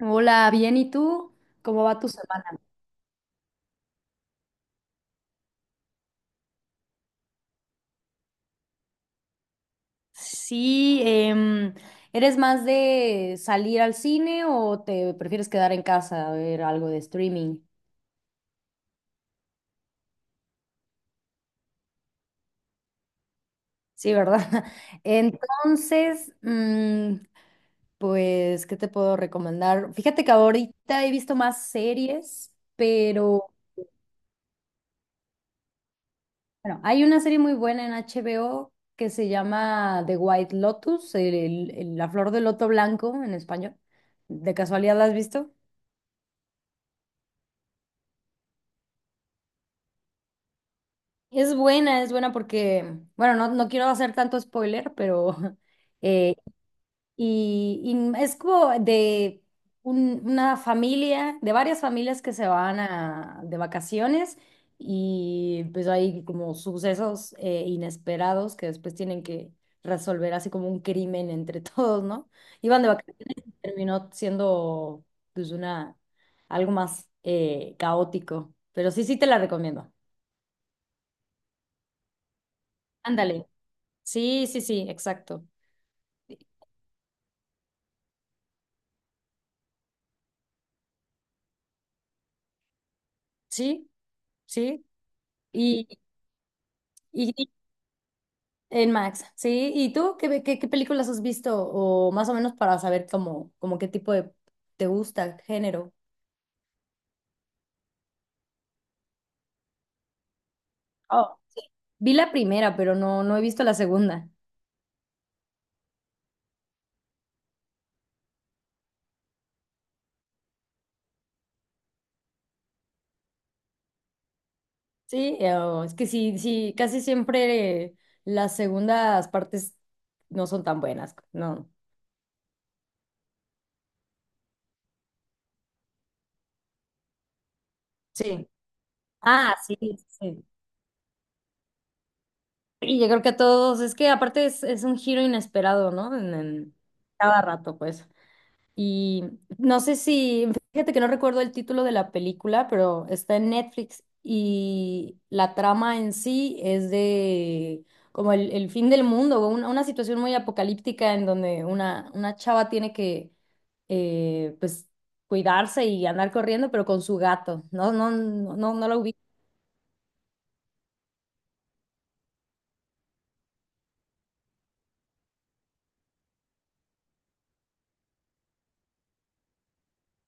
Hola, bien, ¿y tú? ¿Cómo va tu semana? Sí, ¿eres más de salir al cine o te prefieres quedar en casa a ver algo de streaming? Sí, ¿verdad? Entonces, pues, ¿qué te puedo recomendar? Fíjate que ahorita he visto más series, pero bueno, hay una serie muy buena en HBO que se llama The White Lotus, la flor del loto blanco en español. ¿De casualidad la has visto? Es buena porque, bueno, no, no quiero hacer tanto spoiler, pero eh, y, y es como de una familia, de varias familias que se van a, de vacaciones y pues hay como sucesos inesperados que después tienen que resolver así como un crimen entre todos, ¿no? Iban de vacaciones, terminó siendo pues una, algo más caótico, pero sí, sí te la recomiendo. Ándale. Sí, sí, sí, exacto. Sí, sí. Y, y- y en Max, sí. ¿Y tú qué, qué, qué películas has visto? O más o menos para saber cómo, como qué tipo de te gusta, género. Oh, vi la primera, pero no, no he visto la segunda. Sí, oh, es que sí, sí, casi siempre las segundas partes no son tan buenas, no. Sí. Ah, sí, sí. Sí. Y yo creo que a todos, es que aparte es un giro inesperado, ¿no? En cada rato, pues. Y no sé si, fíjate que no recuerdo el título de la película, pero está en Netflix y la trama en sí es de como el fin del mundo, o una situación muy apocalíptica en donde una chava tiene que pues cuidarse y andar corriendo, pero con su gato. No, no, no, no, no lo ubico.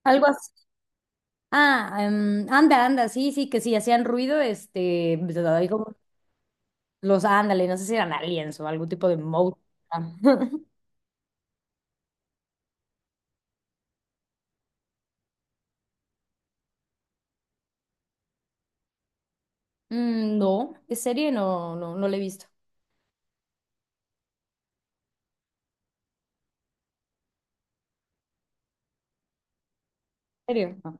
Algo así. Ah, anda, anda, sí, sí, que sí, hacían ruido, este, pues, ahí como los ándale, no sé si eran aliens o algún tipo de monstruo. No, de serie no, no, no la he visto. ¿En serio? No.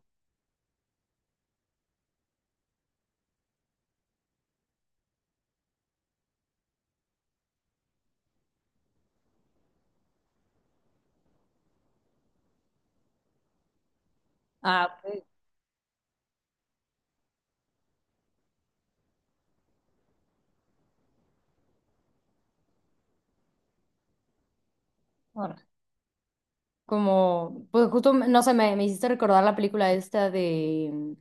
Ah, pues, bueno. Como, pues justo, no sé, me hiciste recordar la película esta de,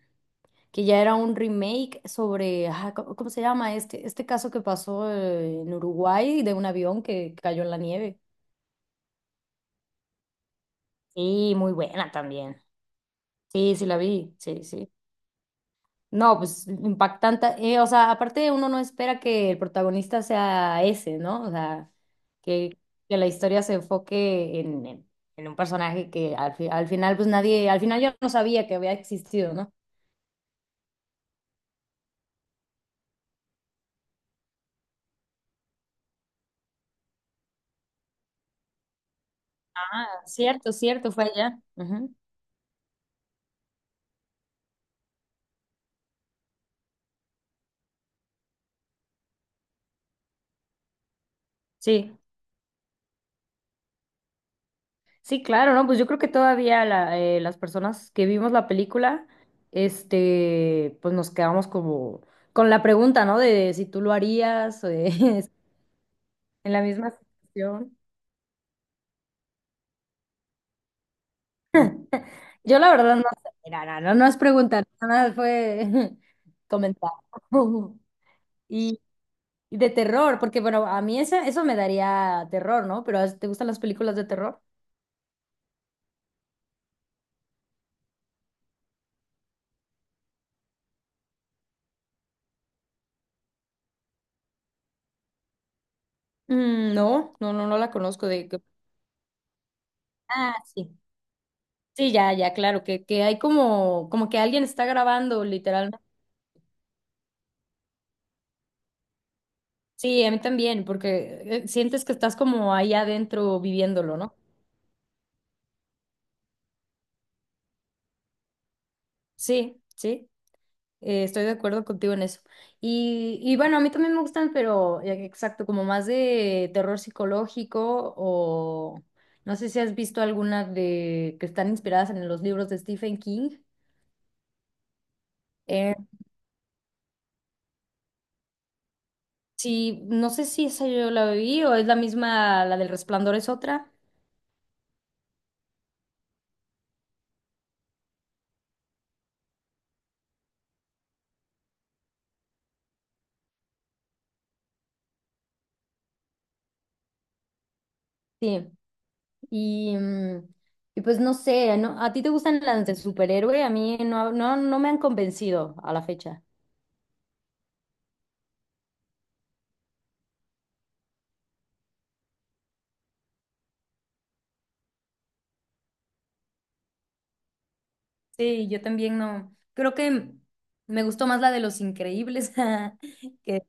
que ya era un remake sobre, ah, ¿cómo, cómo se llama? Este caso que pasó en Uruguay de un avión que cayó en la nieve. Sí, muy buena también. Sí, sí la vi, sí, sí. No, pues impactante. O sea, aparte uno no espera que el protagonista sea ese, ¿no? O sea, que, que la historia se enfoque en un personaje que al, al final, pues nadie, al final yo no sabía que había existido, ¿no? Ah, cierto, cierto, fue allá. Ujú. Sí, sí, claro, ¿no? Pues yo creo que todavía la, las personas que vimos la película, este, pues nos quedamos como con la pregunta, ¿no? De, si tú lo harías, o de- en la misma situación. Yo la verdad no sé, mira, no, no, no es preguntar, nada más fue comentar. Y, y de terror, porque bueno, a mí eso me daría terror, ¿no? Pero ¿te gustan las películas de terror? No, no, no, no la conozco de qué- Ah, sí. Sí, ya, ya, claro, que hay como, como que alguien está grabando, literalmente. Sí, a mí también, porque sientes que estás como ahí adentro viviéndolo, ¿no? Sí, sí. Estoy de acuerdo contigo en eso. Y bueno, a mí también me gustan, pero exacto, como más de terror psicológico o no sé si has visto alguna de que están inspiradas en los libros de Stephen King. Eh, sí, no sé si esa yo la vi o es la misma, la del Resplandor es otra. Sí. Y, y pues no sé, ¿no? ¿A ti te gustan las de superhéroe? A mí no, no, no me han convencido a la fecha. Sí, yo también no. Creo que me gustó más la de Los Increíbles que,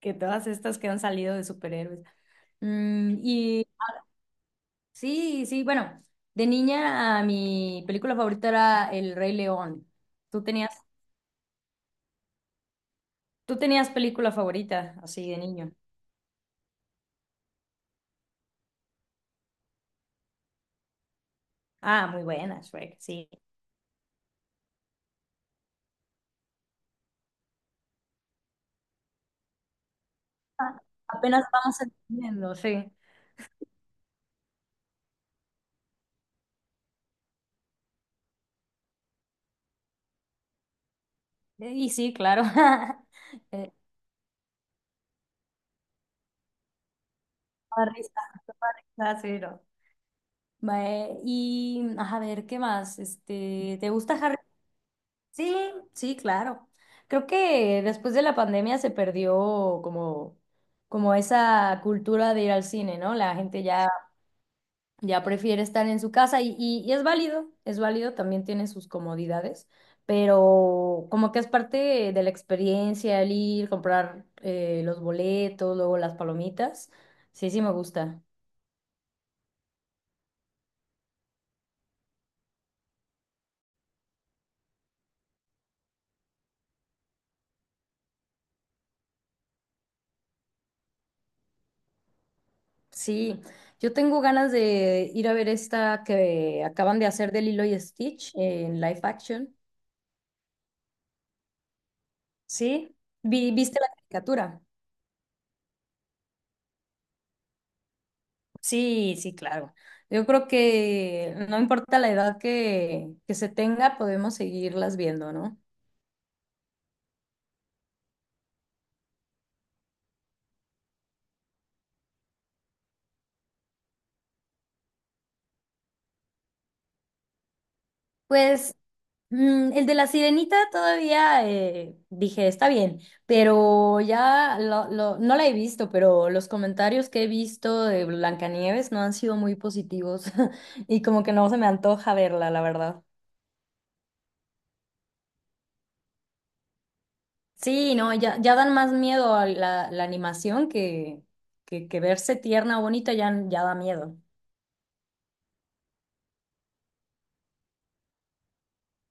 que todas estas que han salido de superhéroes. Y sí, sí, bueno, de niña a mi película favorita era El Rey León. ¿Tú tenías, tú tenías película favorita así de niño? Ah, muy buena, Shrek, sí. Apenas vamos entendiendo, sí. Y sí, claro. Eh, Da risa, da risa, sí, ¿no? Mae, y a ver, ¿qué más? Este, ¿te gusta Harry? Sí, sí, claro. Creo que después de la pandemia se perdió como, como esa cultura de ir al cine, ¿no? La gente ya, ya prefiere estar en su casa y es válido, también tiene sus comodidades, pero como que es parte de la experiencia el ir, comprar los boletos, luego las palomitas. Sí, sí me gusta. Sí, yo tengo ganas de ir a ver esta que acaban de hacer de Lilo y Stitch en live action. Sí, ¿viste la caricatura? Sí, sí, claro. Yo creo que no importa la edad que se tenga, podemos seguirlas viendo, ¿no? Pues el de la sirenita todavía dije, está bien, pero ya lo, no la he visto, pero los comentarios que he visto de Blancanieves no han sido muy positivos y como que no se me antoja verla, la verdad. Sí, no, ya, ya dan más miedo a la, la animación que verse tierna o bonita ya, ya da miedo.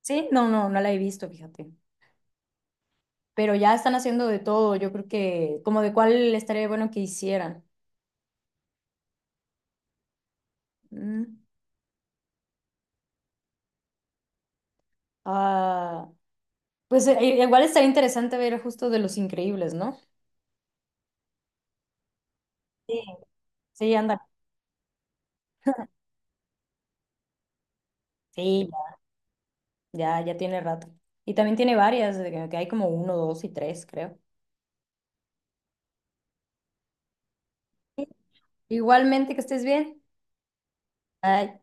Sí, no, no, no la he visto, fíjate. Pero ya están haciendo de todo, yo creo que como de cuál estaría bueno que hicieran. Mm. Ah, pues igual estaría interesante ver justo de Los Increíbles, ¿no? Sí. Sí, anda. Sí, ya, ya tiene rato. Y también tiene varias, de que hay como uno, dos y tres, creo. Igualmente, que estés bien. Bye.